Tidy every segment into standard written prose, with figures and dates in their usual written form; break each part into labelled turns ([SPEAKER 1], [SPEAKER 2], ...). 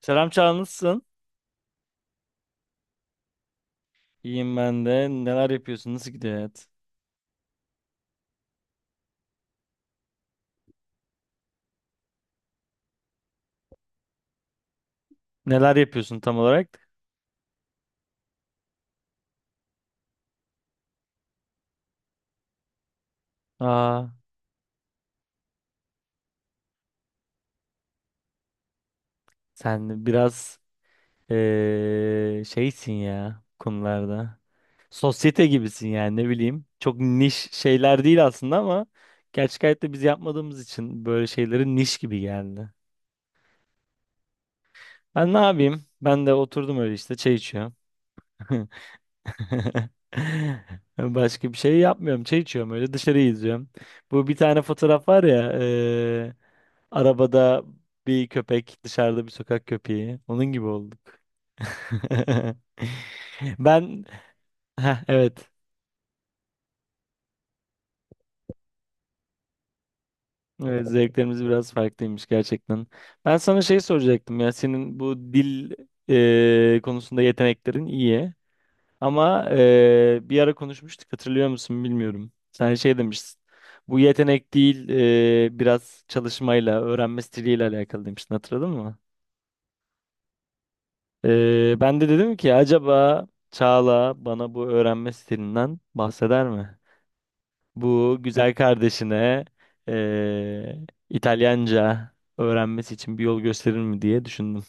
[SPEAKER 1] Selam Çağla nasılsın? İyiyim ben de. Neler yapıyorsun? Nasıl gidiyor hayat? Neler yapıyorsun tam olarak? Aa, sen biraz şeysin ya bu konularda. Sosyete gibisin yani ne bileyim. Çok niş şeyler değil aslında ama gerçek hayatta biz yapmadığımız için böyle şeyleri niş gibi geldi. Ben ne yapayım? Ben de oturdum öyle işte çay içiyorum. Başka bir şey yapmıyorum. Çay içiyorum öyle dışarıyı izliyorum. Bu bir tane fotoğraf var ya arabada bir köpek dışarıda bir sokak köpeği. Onun gibi olduk. Ben Heh, evet. Evet, zevklerimiz biraz farklıymış gerçekten. Ben sana şey soracaktım ya senin bu dil konusunda yeteneklerin iyi. Ama bir ara konuşmuştuk hatırlıyor musun bilmiyorum. Sen şey demiştin. Bu yetenek değil biraz çalışmayla, öğrenme stiliyle alakalı demiştin hatırladın mı? Ben de dedim ki acaba Çağla bana bu öğrenme stilinden bahseder mi? Bu güzel kardeşine eee, İtalyanca öğrenmesi için bir yol gösterir mi diye düşündüm.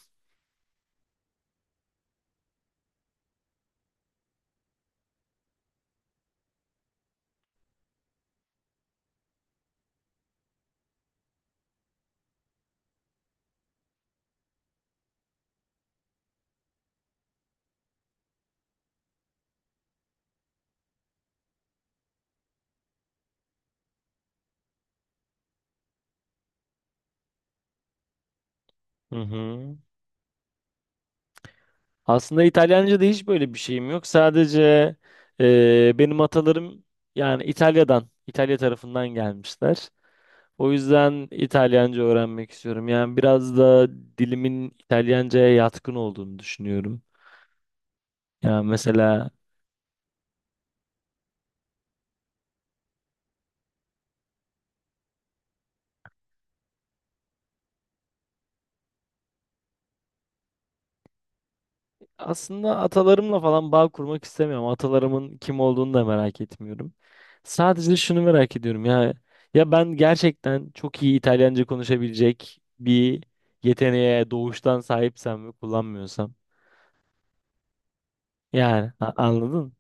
[SPEAKER 1] Hı hı. Aslında İtalyanca'da hiç böyle bir şeyim yok. Sadece benim atalarım yani İtalya'dan, İtalya tarafından gelmişler. O yüzden İtalyanca öğrenmek istiyorum. Yani biraz da dilimin İtalyanca'ya yatkın olduğunu düşünüyorum. Yani mesela aslında atalarımla falan bağ kurmak istemiyorum. Atalarımın kim olduğunu da merak etmiyorum. Sadece şunu merak ediyorum ya. Ya ben gerçekten çok iyi İtalyanca konuşabilecek bir yeteneğe doğuştan sahipsem ve kullanmıyorsam. Yani anladın?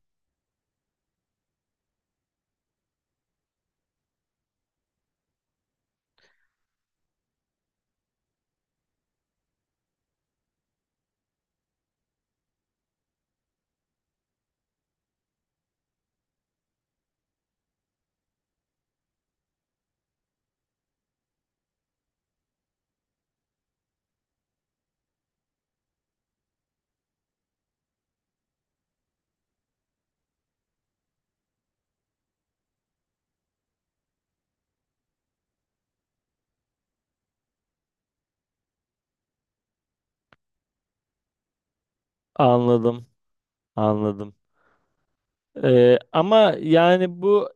[SPEAKER 1] Anladım. Anladım. Ama yani bu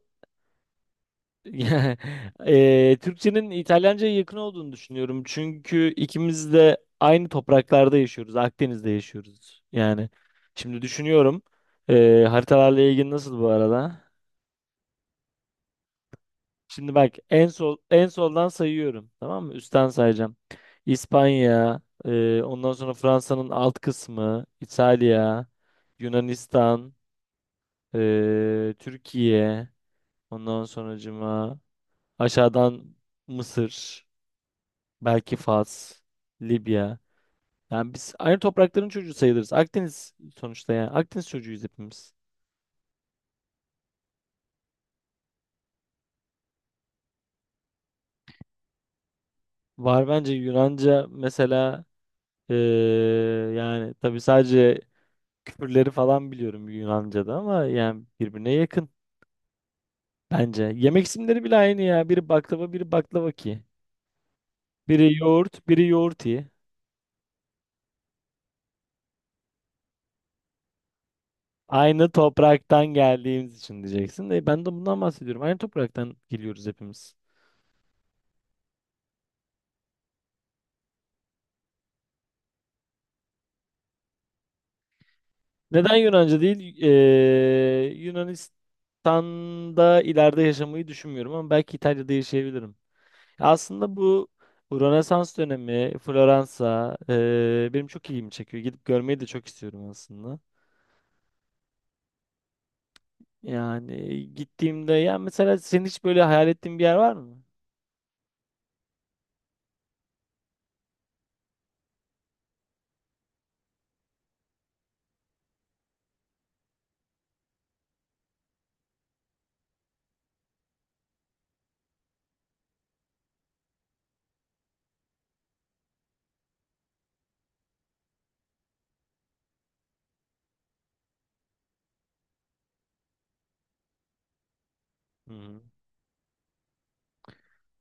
[SPEAKER 1] Ya, Türkçenin İtalyanca'ya yakın olduğunu düşünüyorum. Çünkü ikimiz de aynı topraklarda yaşıyoruz. Akdeniz'de yaşıyoruz. Yani şimdi düşünüyorum. Haritalarla ilgili nasıl bu arada? Şimdi bak en soldan sayıyorum. Tamam mı? Üstten sayacağım. İspanya, ondan sonra Fransa'nın alt kısmı, İtalya, Yunanistan, Türkiye, ondan sonracıma aşağıdan Mısır. Belki Fas, Libya. Yani biz aynı toprakların çocuğu sayılırız. Akdeniz sonuçta yani. Akdeniz çocuğuyuz hepimiz. Var bence. Yunanca mesela eee, yani tabii sadece küfürleri falan biliyorum Yunanca'da ama yani birbirine yakın bence. Yemek isimleri bile aynı ya. Biri baklava, biri baklavaki. Biri yoğurt, biri yoğurti. Aynı topraktan geldiğimiz için diyeceksin. E, ben de bundan bahsediyorum. Aynı topraktan geliyoruz hepimiz. Neden Yunanca değil? Yunanistan'da ileride yaşamayı düşünmüyorum ama belki İtalya'da yaşayabilirim. Aslında bu Rönesans dönemi, Floransa benim çok ilgimi çekiyor. Gidip görmeyi de çok istiyorum aslında. Yani gittiğimde ya mesela senin hiç böyle hayal ettiğin bir yer var mı? Hı,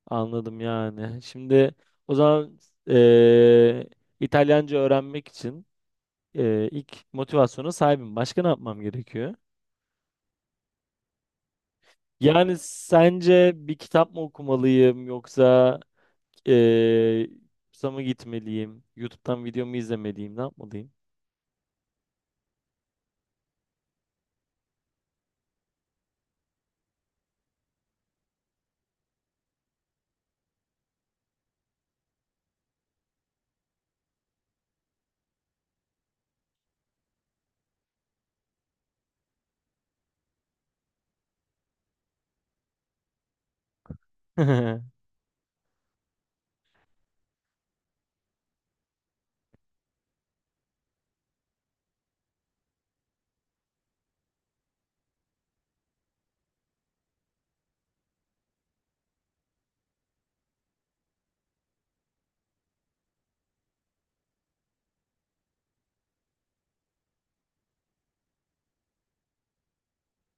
[SPEAKER 1] anladım yani. Şimdi o zaman ee, İtalyanca öğrenmek için ilk motivasyona sahibim. Başka ne yapmam gerekiyor? Yani sence bir kitap mı okumalıyım yoksa eee kursa mı gitmeliyim? YouTube'dan video mu izlemeliyim? Ne yapmalıyım? Hı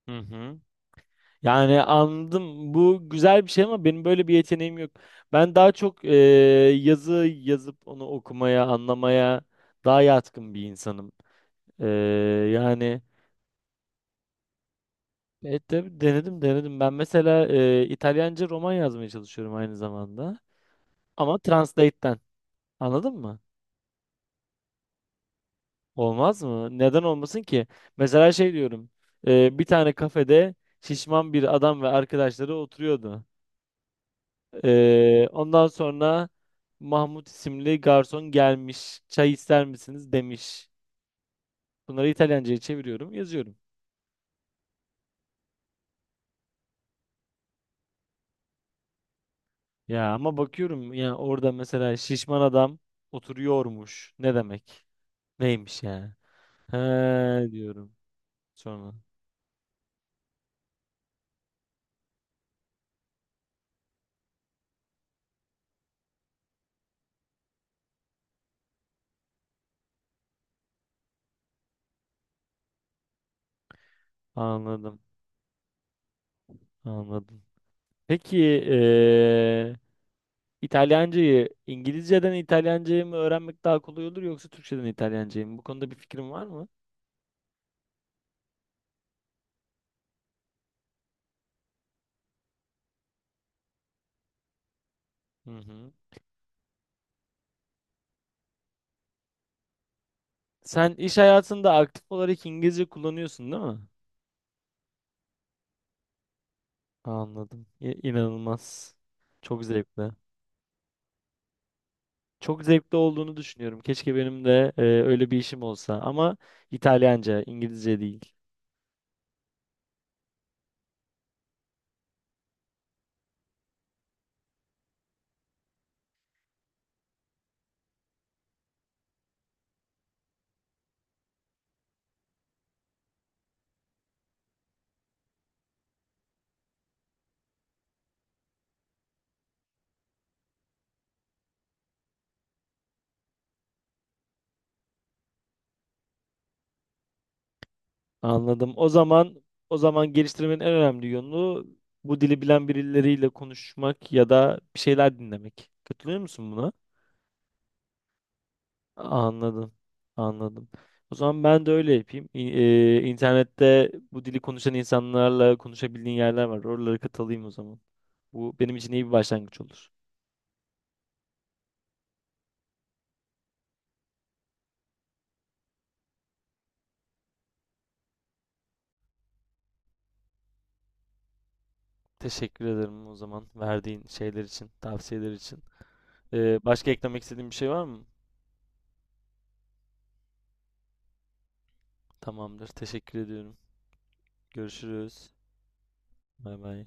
[SPEAKER 1] hı. Yani anladım. Bu güzel bir şey ama benim böyle bir yeteneğim yok. Ben daha çok yazı yazıp onu okumaya, anlamaya daha yatkın bir insanım. Eee, yani evet, denedim denedim. Ben mesela İtalyanca roman yazmaya çalışıyorum aynı zamanda. Ama Translate'ten. Anladın mı? Olmaz mı? Neden olmasın ki? Mesela şey diyorum. E, bir tane kafede şişman bir adam ve arkadaşları oturuyordu. E, ondan sonra Mahmut isimli garson gelmiş. Çay ister misiniz demiş. Bunları İtalyanca'ya çeviriyorum, yazıyorum. Ya ama bakıyorum ya orada mesela şişman adam oturuyormuş. Ne demek? Neymiş yani? He diyorum sonra. Anladım, anladım. Peki İngilizceden İtalyancayı mı öğrenmek daha kolay olur yoksa Türkçeden İtalyancayı mı? Bu konuda bir fikrin var mı? Hı hı. Sen iş hayatında aktif olarak İngilizce kullanıyorsun değil mi? Anladım. İnanılmaz. Çok zevkli. Çok zevkli olduğunu düşünüyorum. Keşke benim de öyle bir işim olsa ama İtalyanca, İngilizce değil. Anladım. O zaman geliştirmenin en önemli yönü bu dili bilen birileriyle konuşmak ya da bir şeyler dinlemek. Katılıyor musun buna? Anladım. Anladım. O zaman ben de öyle yapayım. İnternette bu dili konuşan insanlarla konuşabildiğin yerler var. Oralara katılayım o zaman. Bu benim için iyi bir başlangıç olur. Teşekkür ederim o zaman verdiğin şeyler için, tavsiyeler için. Başka eklemek istediğin bir şey var mı? Tamamdır. Teşekkür ediyorum. Görüşürüz. Bay bay.